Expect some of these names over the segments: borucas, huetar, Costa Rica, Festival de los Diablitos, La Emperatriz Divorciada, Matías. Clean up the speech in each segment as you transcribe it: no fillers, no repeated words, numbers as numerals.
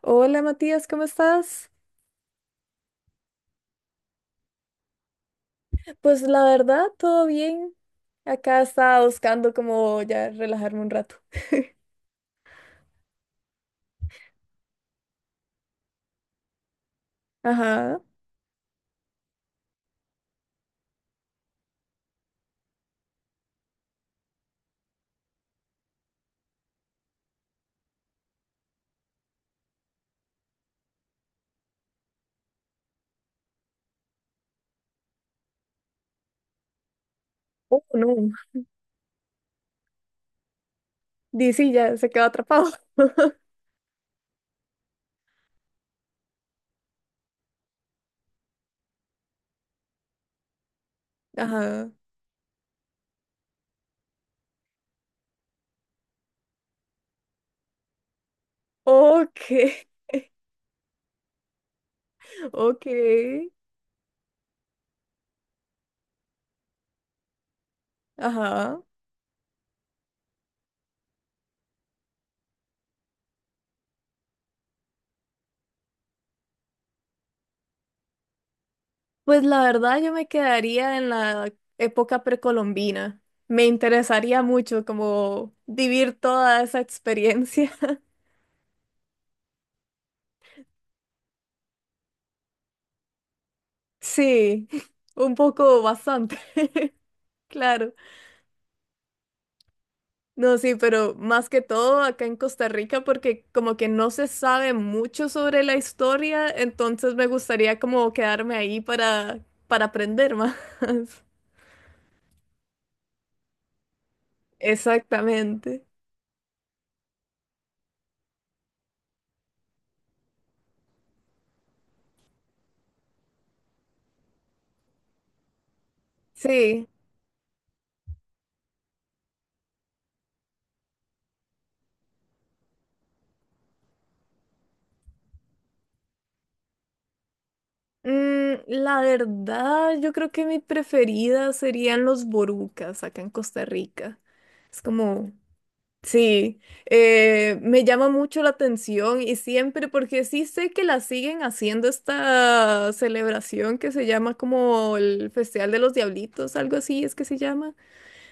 Hola Matías, ¿cómo estás? Pues la verdad, todo bien. Acá estaba buscando como ya relajarme un rato. Ajá. Oh, no. Dice, ya se quedó atrapado. Ajá. Ok. Ok. Ajá. Pues la verdad, yo me quedaría en la época precolombina. Me interesaría mucho como vivir toda esa experiencia. Sí, un poco bastante. Claro. No, sí, pero más que todo acá en Costa Rica, porque como que no se sabe mucho sobre la historia, entonces me gustaría como quedarme ahí para aprender más. Exactamente. Sí. Mm, la verdad, yo creo que mi preferida serían los borucas acá en Costa Rica. Es como sí, me llama mucho la atención y siempre, porque sí sé que la siguen haciendo esta celebración que se llama como el Festival de los Diablitos, algo así es que se llama.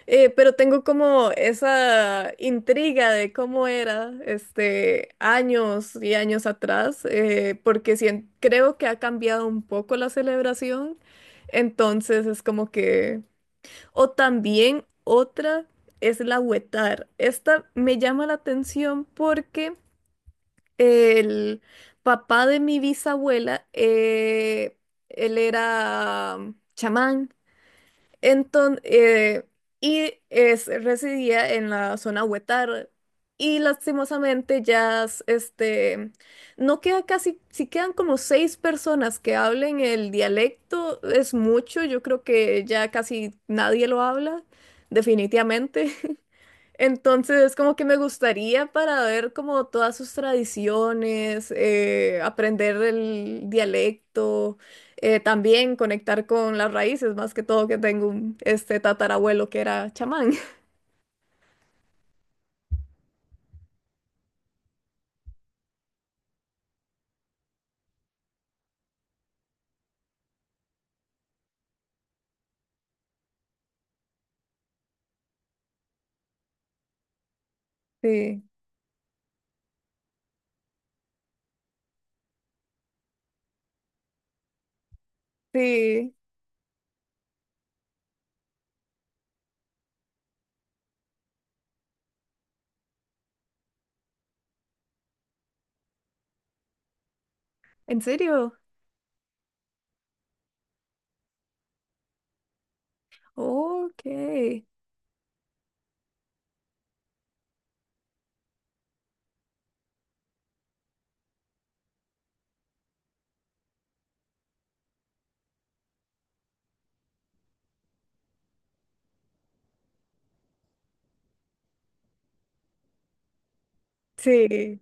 Pero tengo como esa intriga de cómo era este años y años atrás, porque creo que ha cambiado un poco la celebración, entonces es como que... O también otra es la huetar. Esta me llama la atención porque el papá de mi bisabuela, él era chamán. Entonces, y es, residía en la zona Huetar. Y lastimosamente ya, este, no queda casi, si quedan como 6 personas que hablen el dialecto, es mucho, yo creo que ya casi nadie lo habla, definitivamente. Entonces, como que me gustaría para ver como todas sus tradiciones, aprender el dialecto, también conectar con las raíces, más que todo que tengo un este tatarabuelo que era chamán. Sí, sí, ¿en serio? Ok, sí.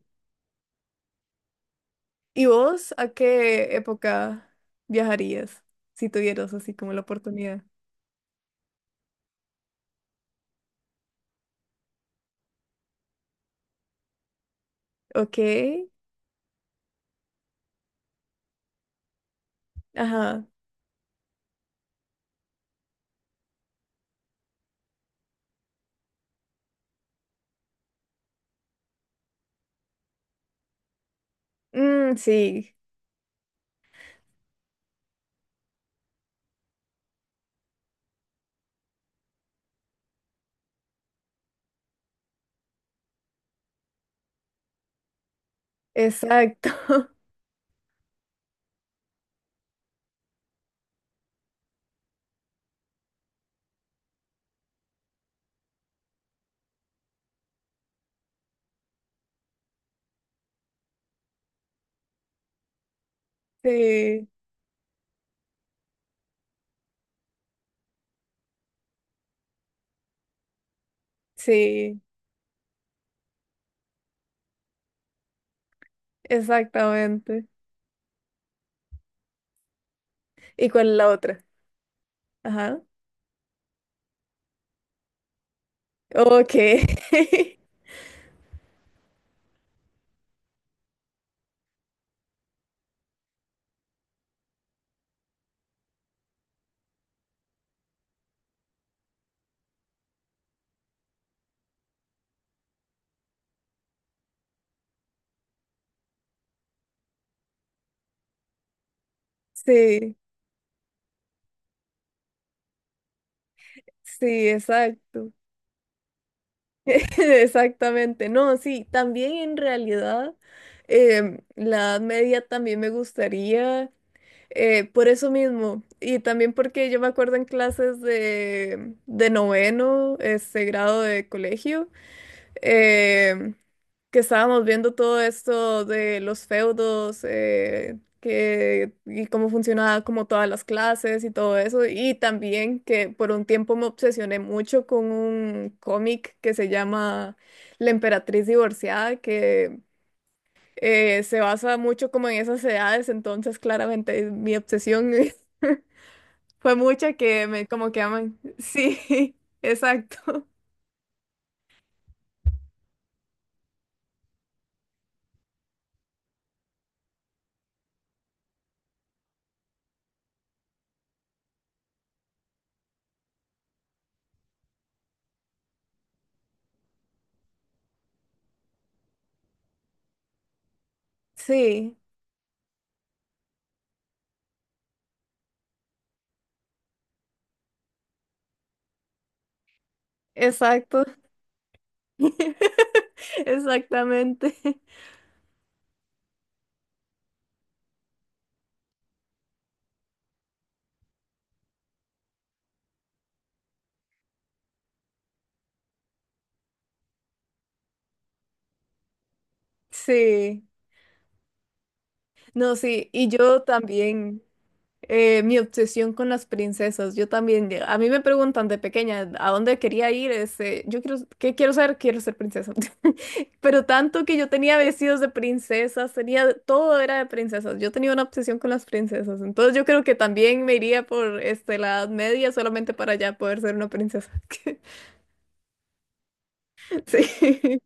¿Y vos a qué época viajarías si tuvieras así como la oportunidad? Ok, ajá. Mm, sí, exacto, sí. Sí, exactamente. ¿Y cuál es la otra? Ajá. Ok. Sí, sí, exacto. Exactamente. No, sí, también en realidad la Edad Media también me gustaría, por eso mismo. Y también porque yo me acuerdo en clases de noveno, este grado de colegio. eh, que estábamos viendo todo esto de los feudos, que, y cómo funcionaba como todas las clases y todo eso, y también que por un tiempo me obsesioné mucho con un cómic que se llama La Emperatriz Divorciada, que se basa mucho como en esas edades, entonces claramente mi obsesión fue mucha que me como que aman. Sí, exacto. Sí, exacto. Exactamente. Sí. No, sí. Y yo también, mi obsesión con las princesas, yo también, a mí me preguntan de pequeña a dónde quería ir, este, yo quiero, ¿qué quiero ser? Quiero ser princesa. Pero tanto que yo tenía vestidos de princesas, tenía, todo era de princesas. Yo tenía una obsesión con las princesas. Entonces yo creo que también me iría por, este, la Edad Media solamente para ya poder ser una princesa. Sí.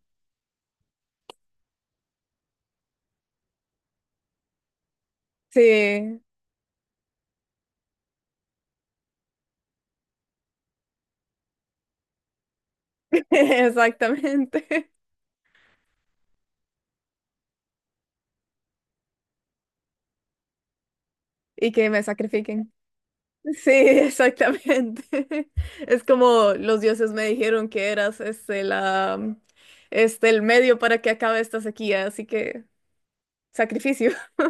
Sí. Exactamente. Y que me sacrifiquen. Sí, exactamente. Es como los dioses me dijeron que eras este la este el medio para que acabe esta sequía, así que sacrificio.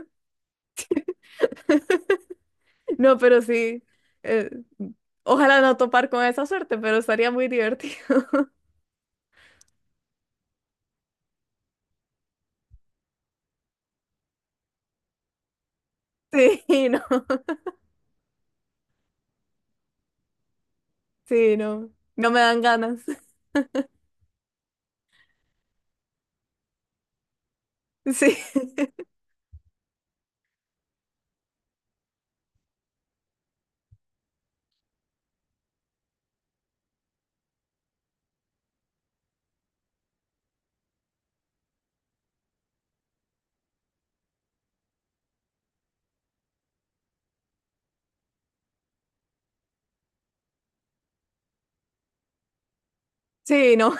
No, pero sí. eh, Ojalá no topar con esa suerte, pero estaría muy divertido. Sí, no. Sí, no. No me dan ganas. Sí. Sí, no.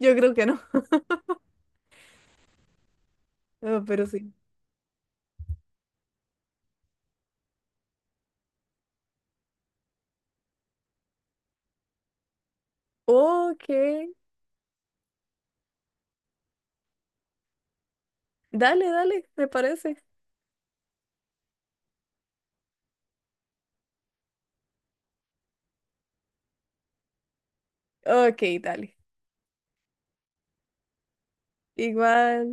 Yo creo que no. No, pero sí. Ok. Dale, dale, me parece. Ok, dale. Igual.